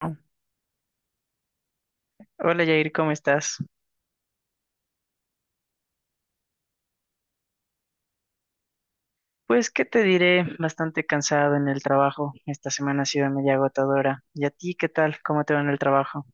Hola Jair, ¿cómo estás? Pues, ¿qué te diré? Bastante cansado en el trabajo. Esta semana ha sido media agotadora. ¿Y a ti qué tal? ¿Cómo te va en el trabajo?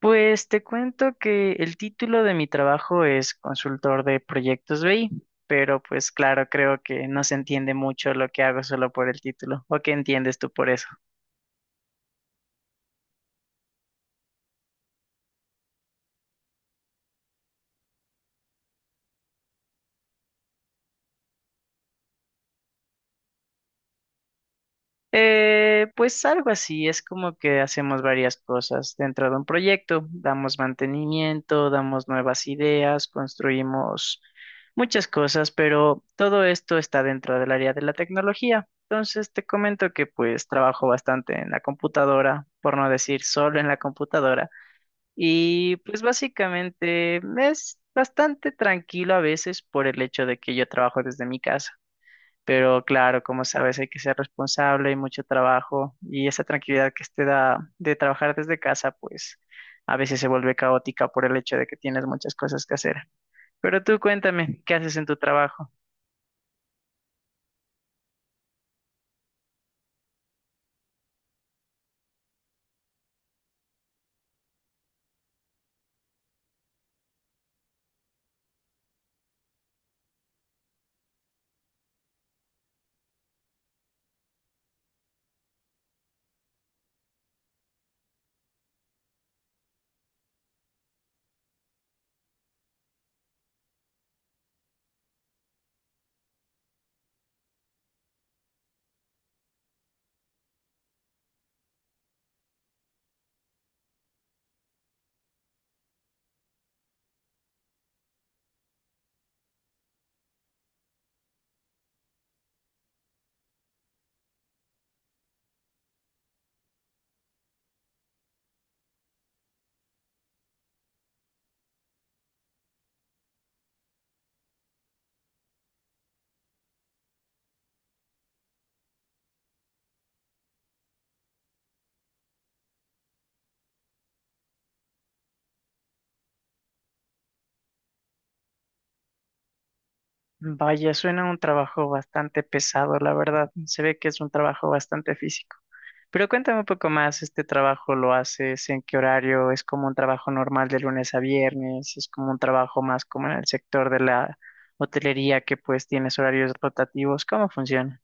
Pues te cuento que el título de mi trabajo es consultor de proyectos BI, pero pues claro, creo que no se entiende mucho lo que hago solo por el título. ¿O qué entiendes tú por eso? Pues algo así, es como que hacemos varias cosas dentro de un proyecto, damos mantenimiento, damos nuevas ideas, construimos muchas cosas, pero todo esto está dentro del área de la tecnología. Entonces te comento que pues trabajo bastante en la computadora, por no decir solo en la computadora, y pues básicamente es bastante tranquilo a veces por el hecho de que yo trabajo desde mi casa. Pero claro, como sabes, hay que ser responsable y mucho trabajo. Y esa tranquilidad que te da de trabajar desde casa, pues a veces se vuelve caótica por el hecho de que tienes muchas cosas que hacer. Pero tú cuéntame, ¿qué haces en tu trabajo? Vaya, suena un trabajo bastante pesado, la verdad. Se ve que es un trabajo bastante físico. Pero cuéntame un poco más, ¿este trabajo lo haces en qué horario? ¿Es como un trabajo normal de lunes a viernes? ¿Es como un trabajo más como en el sector de la hotelería que pues tienes horarios rotativos? ¿Cómo funciona?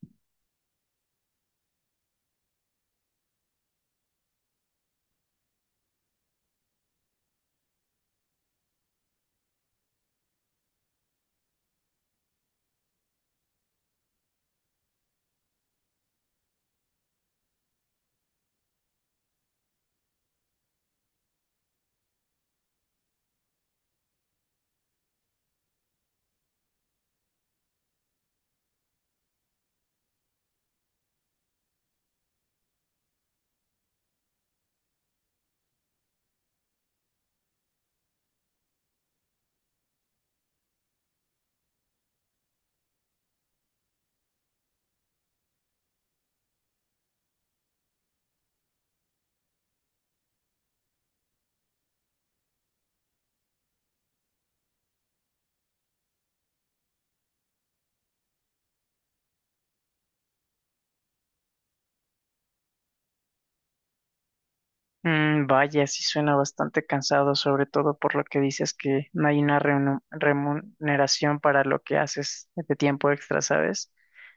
Vaya, sí suena bastante cansado, sobre todo por lo que dices que no hay una remuneración para lo que haces de tiempo extra, ¿sabes?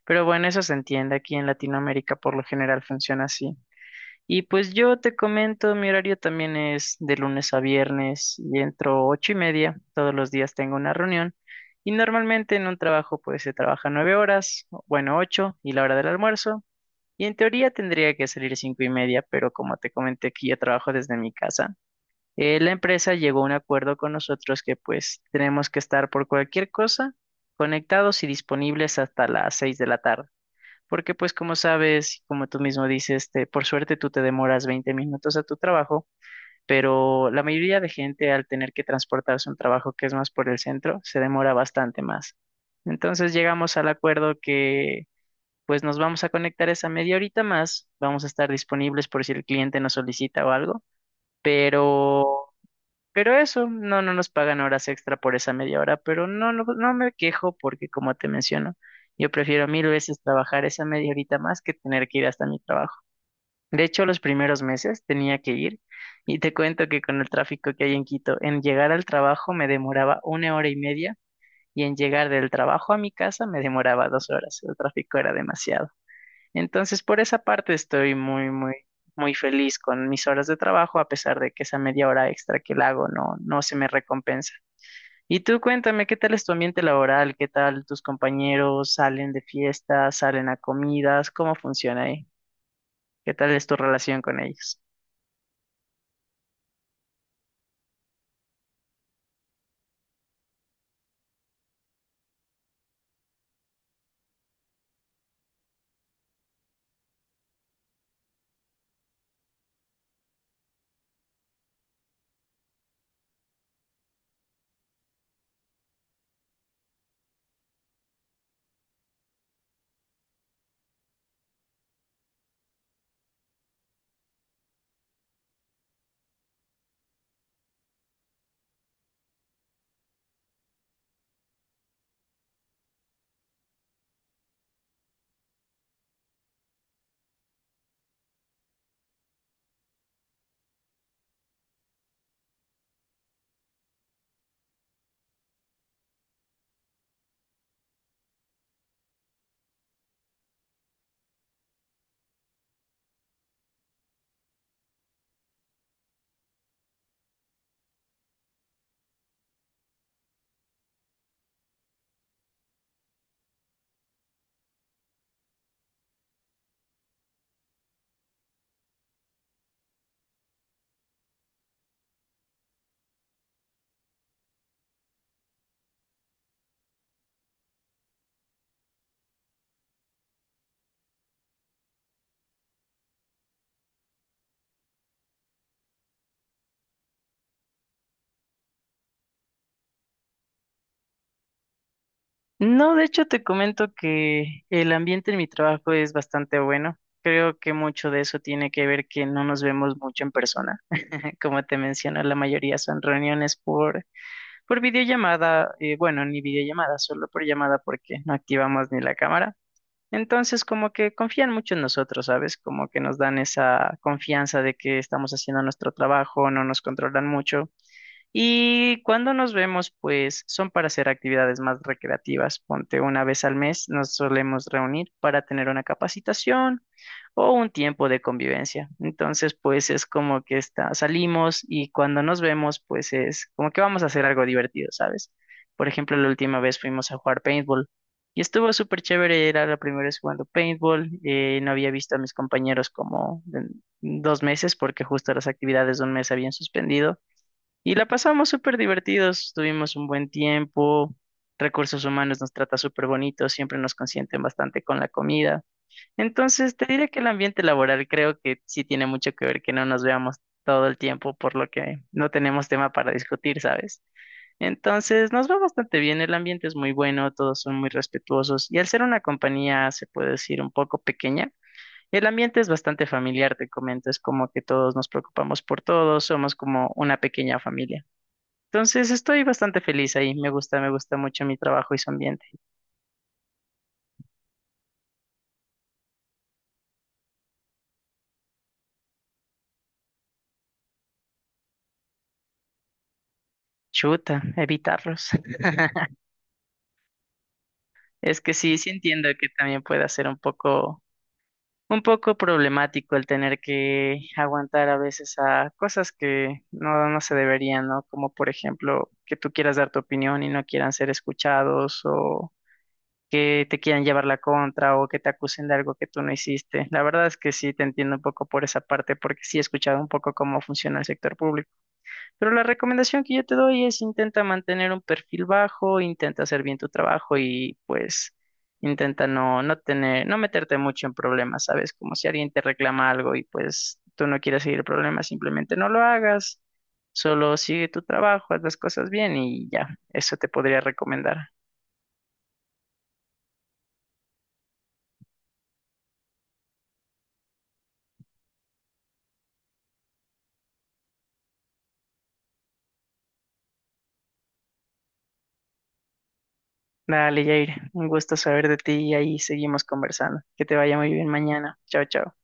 Pero bueno, eso se entiende, aquí en Latinoamérica por lo general funciona así. Y pues yo te comento, mi horario también es de lunes a viernes y entro 8:30, todos los días tengo una reunión y normalmente en un trabajo pues se trabaja 9 horas, bueno, ocho y la hora del almuerzo. Y en teoría tendría que salir 5:30, pero como te comenté que yo trabajo desde mi casa, la empresa llegó a un acuerdo con nosotros que pues tenemos que estar por cualquier cosa conectados y disponibles hasta las 6 de la tarde. Porque pues como sabes, y como tú mismo dices, por suerte tú te demoras 20 minutos a tu trabajo, pero la mayoría de gente al tener que transportarse a un trabajo que es más por el centro, se demora bastante más. Entonces llegamos al acuerdo pues nos vamos a conectar esa media horita más, vamos a estar disponibles por si el cliente nos solicita o algo, pero, pero, eso, no, no nos pagan horas extra por esa media hora, pero no, no, no me quejo porque como te menciono, yo prefiero mil veces trabajar esa media horita más que tener que ir hasta mi trabajo. De hecho, los primeros meses tenía que ir y te cuento que con el tráfico que hay en Quito, en llegar al trabajo me demoraba 1 hora y media y en llegar del trabajo a mi casa me demoraba 2 horas. El tráfico era demasiado. Entonces, por esa parte estoy muy, muy, muy feliz con mis horas de trabajo, a pesar de que esa media hora extra que la hago no, no se me recompensa. Y tú cuéntame, ¿qué tal es tu ambiente laboral? ¿Qué tal tus compañeros salen de fiestas, salen a comidas? ¿Cómo funciona ahí? ¿Qué tal es tu relación con ellos? No, de hecho te comento que el ambiente en mi trabajo es bastante bueno. Creo que mucho de eso tiene que ver que no nos vemos mucho en persona. Como te menciono, la mayoría son reuniones por por videollamada, bueno, ni videollamada, solo por llamada porque no activamos ni la cámara. Entonces, como que confían mucho en nosotros, ¿sabes? Como que nos dan esa confianza de que estamos haciendo nuestro trabajo, no nos controlan mucho. Y cuando nos vemos, pues son para hacer actividades más recreativas. Ponte una vez al mes, nos solemos reunir para tener una capacitación o un tiempo de convivencia. Entonces, pues es como que está, salimos y cuando nos vemos, pues es como que vamos a hacer algo divertido, ¿sabes? Por ejemplo, la última vez fuimos a jugar paintball y estuvo súper chévere, era la primera vez jugando paintball, no había visto a mis compañeros como en 2 meses porque justo las actividades de un mes habían suspendido y la pasamos súper divertidos, tuvimos un buen tiempo. Recursos humanos nos trata súper bonito, siempre nos consienten bastante con la comida. Entonces, te diré que el ambiente laboral creo que sí tiene mucho que ver que no nos veamos todo el tiempo, por lo que no tenemos tema para discutir, ¿sabes? Entonces, nos va bastante bien, el ambiente es muy bueno, todos son muy respetuosos y al ser una compañía, se puede decir, un poco pequeña, el ambiente es bastante familiar, te comento, es como que todos nos preocupamos por todos, somos como una pequeña familia. Entonces, estoy bastante feliz ahí, me gusta mucho mi trabajo y su ambiente. Chuta, evitarlos. Es que sí, sí entiendo que también puede ser un poco problemático el tener que aguantar a veces a cosas que no, no se deberían, ¿no? Como por ejemplo, que tú quieras dar tu opinión y no quieran ser escuchados o que te quieran llevar la contra o que te acusen de algo que tú no hiciste. La verdad es que sí te entiendo un poco por esa parte porque sí he escuchado un poco cómo funciona el sector público. Pero la recomendación que yo te doy es intenta mantener un perfil bajo, intenta hacer bien tu trabajo y pues intenta no, no tener, no meterte mucho en problemas, ¿sabes? Como si alguien te reclama algo y pues tú no quieres seguir el problema, simplemente no lo hagas, solo sigue tu trabajo, haz las cosas bien y ya, eso te podría recomendar. Dale, Jair, un gusto saber de ti y ahí seguimos conversando. Que te vaya muy bien mañana. Chao, chao.